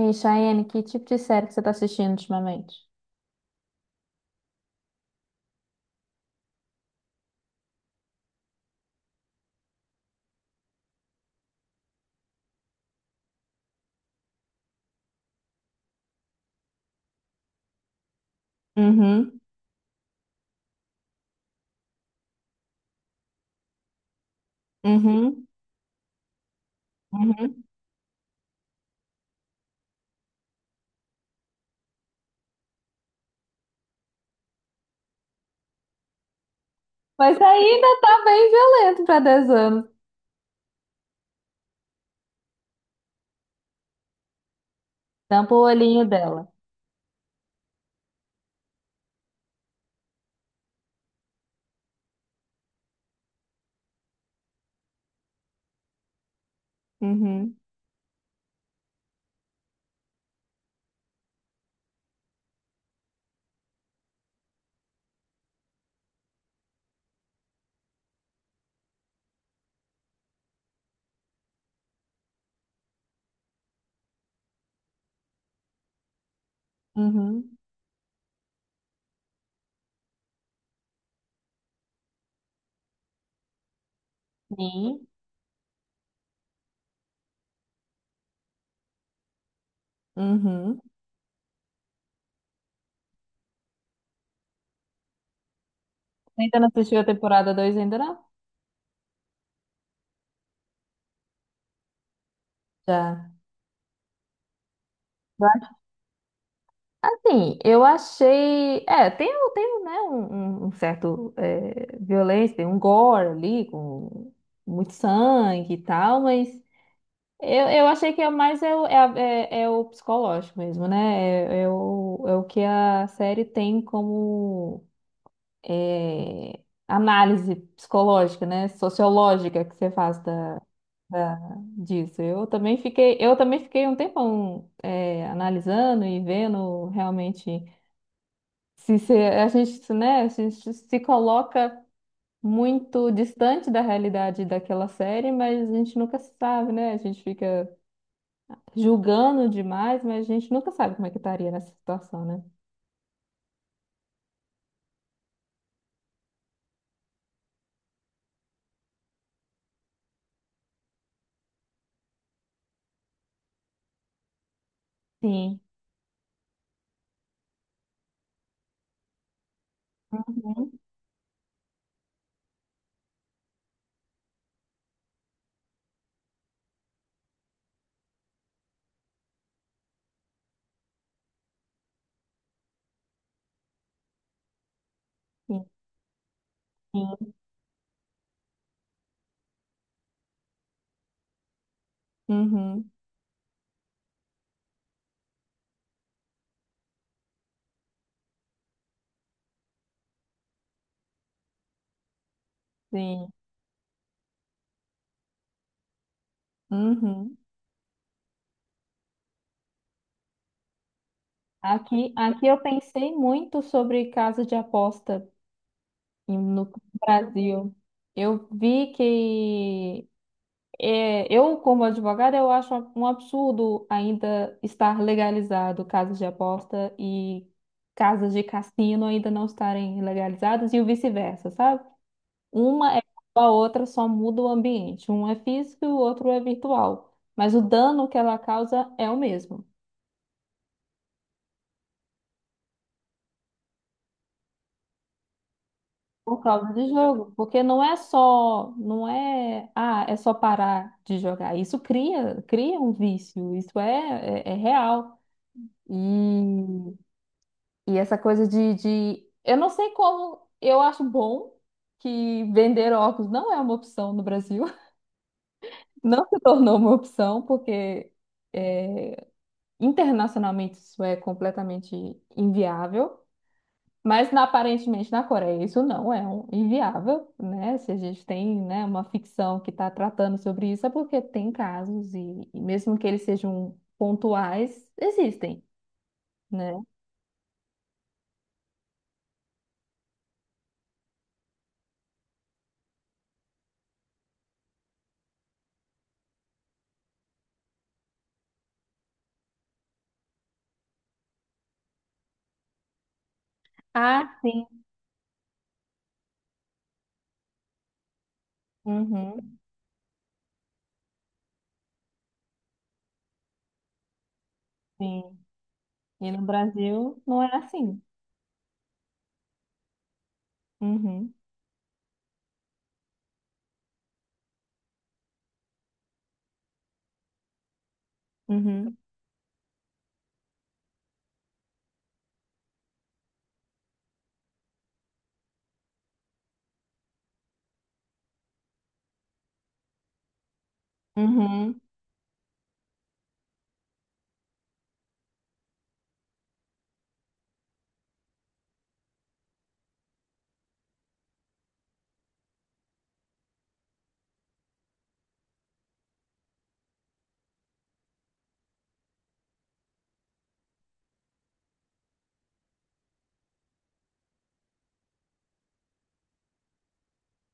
E Cheyenne, que tipo de série que você tá assistindo ultimamente? Uhum, uhum, uhum, mas ainda tá bem violento pra 10 anos. Tampa o olhinho dela. Uhum, uhum, e uhum. Você ainda não assistiu a temporada 2 ainda não? Já. Assim, eu achei. É, tem, tem um, né, um, um certo violência, tem um gore ali, com muito sangue e tal, mas eu achei que é mais é o, é, é o psicológico mesmo, né? É, é o, é o que a série tem como é, análise psicológica, né? Sociológica que você faz da disso. Eu também fiquei um tempão analisando e vendo realmente se a gente, né? A gente se coloca muito distante da realidade daquela série, mas a gente nunca sabe, né? A gente fica julgando demais, mas a gente nunca sabe como é que estaria nessa situação, né? Sim. Uhum. Sim. Sim. Uhum. Sim. Uhum. Aqui eu pensei muito sobre casa de aposta no Brasil. Eu vi que eu, como advogada, eu acho um absurdo ainda estar legalizado casas de aposta e casas de cassino ainda não estarem legalizadas e o vice-versa, sabe? Uma é igual a outra, só muda o ambiente. Um é físico e o outro é virtual. Mas o dano que ela causa é o mesmo, por causa do jogo. Porque não é só, não é, ah, é só parar de jogar. Isso cria um vício, isso é real. E, e essa coisa eu não sei como, eu acho bom que vender óculos não é uma opção no Brasil. Não se tornou uma opção, porque é, internacionalmente isso é completamente inviável, mas aparentemente na Coreia isso não é inviável, né? Se a gente tem, né, uma ficção que está tratando sobre isso, é porque tem casos e mesmo que eles sejam pontuais, existem, né? Ah, sim. Uhum, sim. E no Brasil não é assim. Uhum, uhum, uhum,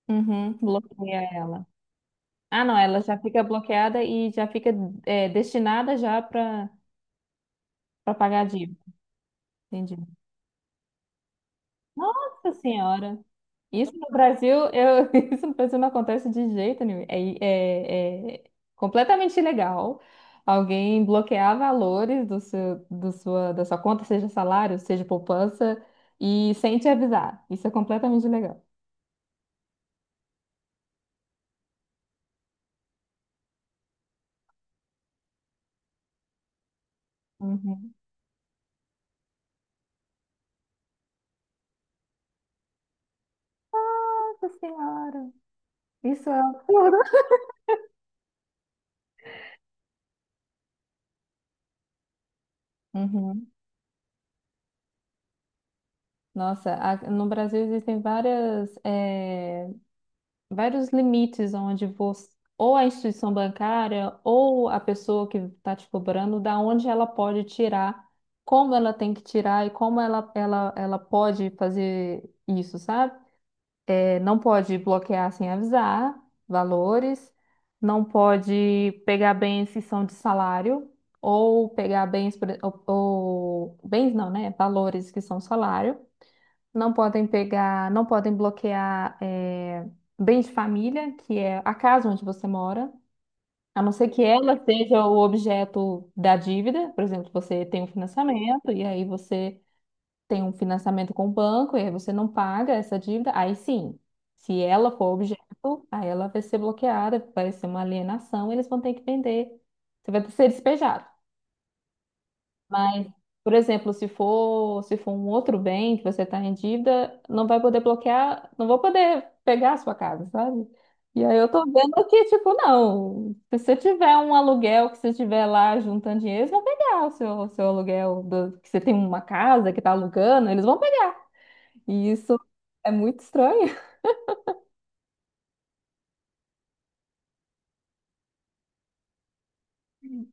uhum. Bloqueia ela. Ah, não, ela já fica bloqueada e já fica destinada já para para pagar a dívida. Entendi. Nossa Senhora! Isso no Brasil, eu, isso no Brasil não acontece de jeito nenhum. É completamente ilegal. Alguém bloquear valores do seu, do sua, da sua conta, seja salário, seja poupança, e sem te avisar. Isso é completamente ilegal. Uhum. Nossa Senhora! Isso é um absurdo. Uhum. Nossa, no Brasil existem várias. Vários limites onde você, ou a instituição bancária ou a pessoa que está te cobrando, da onde ela pode tirar, como ela tem que tirar e como ela pode fazer isso, sabe? É, não pode bloquear sem avisar valores, não pode pegar bens que são de salário. Ou pegar bens, bens não, né? Valores que são salário não podem pegar, não podem bloquear bens de família, que é a casa onde você mora, a não ser que ela seja o objeto da dívida. Por exemplo, você tem um financiamento e aí você tem um financiamento com o banco e aí você não paga essa dívida, aí sim, se ela for objeto, aí ela vai ser bloqueada, vai ser uma alienação, eles vão ter que vender, você vai ser despejado. Mas, por exemplo, se for um outro bem que você está em dívida, não vai poder bloquear, não vou poder pegar a sua casa, sabe? E aí eu tô vendo que, tipo, não, se você tiver um aluguel que você tiver lá juntando dinheiro, eles vão pegar o seu, que você tem uma casa que tá alugando, eles vão pegar. E isso é muito estranho.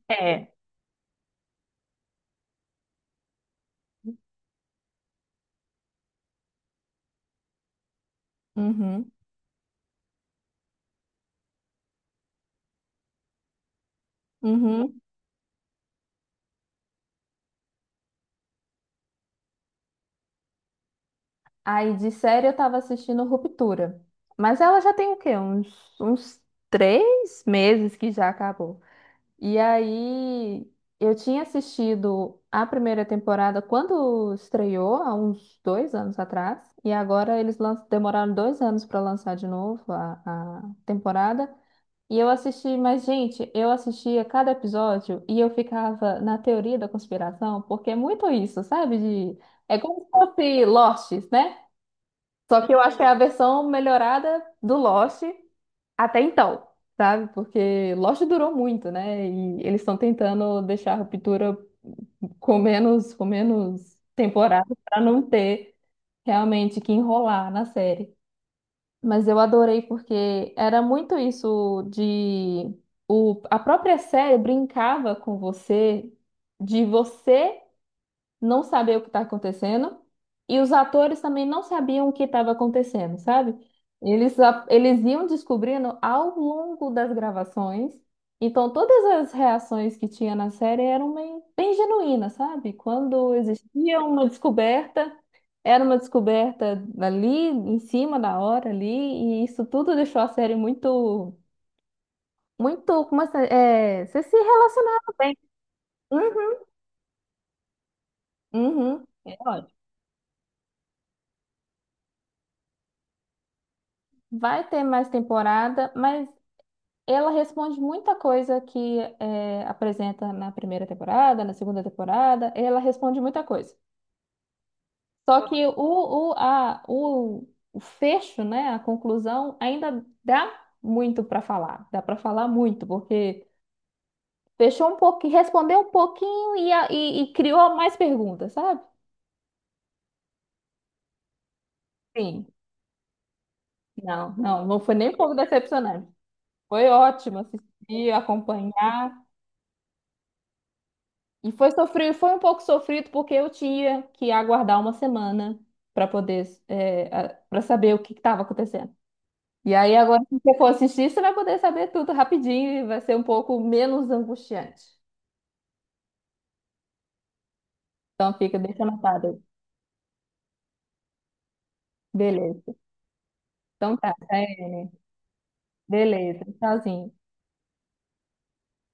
É. Uhum, uhum. Aí de série eu tava assistindo Ruptura. Mas ela já tem o quê? Uns 3 meses que já acabou. E aí eu tinha assistido a primeira temporada quando estreou, há uns 2 anos atrás. E agora eles demoraram 2 anos para lançar de novo a temporada. E eu assisti, mas gente, eu assistia cada episódio e eu ficava na teoria da conspiração, porque é muito isso, sabe? De, é como se fosse Lost, né? Só que eu acho que é a versão melhorada do Lost até então, sabe? Porque Lost durou muito, né? E eles estão tentando deixar a Ruptura com menos temporada para não ter realmente que enrolar na série. Mas eu adorei porque era muito isso de a própria série brincava com você, de você não saber o que está acontecendo e os atores também não sabiam o que estava acontecendo, sabe? Eles iam descobrindo ao longo das gravações. Então, todas as reações que tinha na série eram bem, bem genuínas, sabe? Quando existia uma descoberta, era uma descoberta ali, em cima da hora ali, e isso tudo deixou a série muito, muito, como é, que se- é, você se relacionava bem. Uhum, uhum. É, olha. Vai ter mais temporada, mas ela responde muita coisa que é, apresenta na primeira temporada, na segunda temporada, ela responde muita coisa. Só que o, a, o, o fecho, né, a conclusão, ainda dá muito para falar. Dá para falar muito, porque fechou um pouquinho, respondeu um pouquinho e e criou mais perguntas, sabe? Sim. Não, não foi nem um pouco decepcionante. Foi ótimo assistir, acompanhar. E foi sofrido, foi um pouco sofrido porque eu tinha que aguardar uma semana para poder para saber o que estava acontecendo. E aí agora se você for assistir, você vai poder saber tudo rapidinho e vai ser um pouco menos angustiante. Então fica, deixa anotado aí. Beleza. Então tá, Taiane. Beleza. Tchauzinho.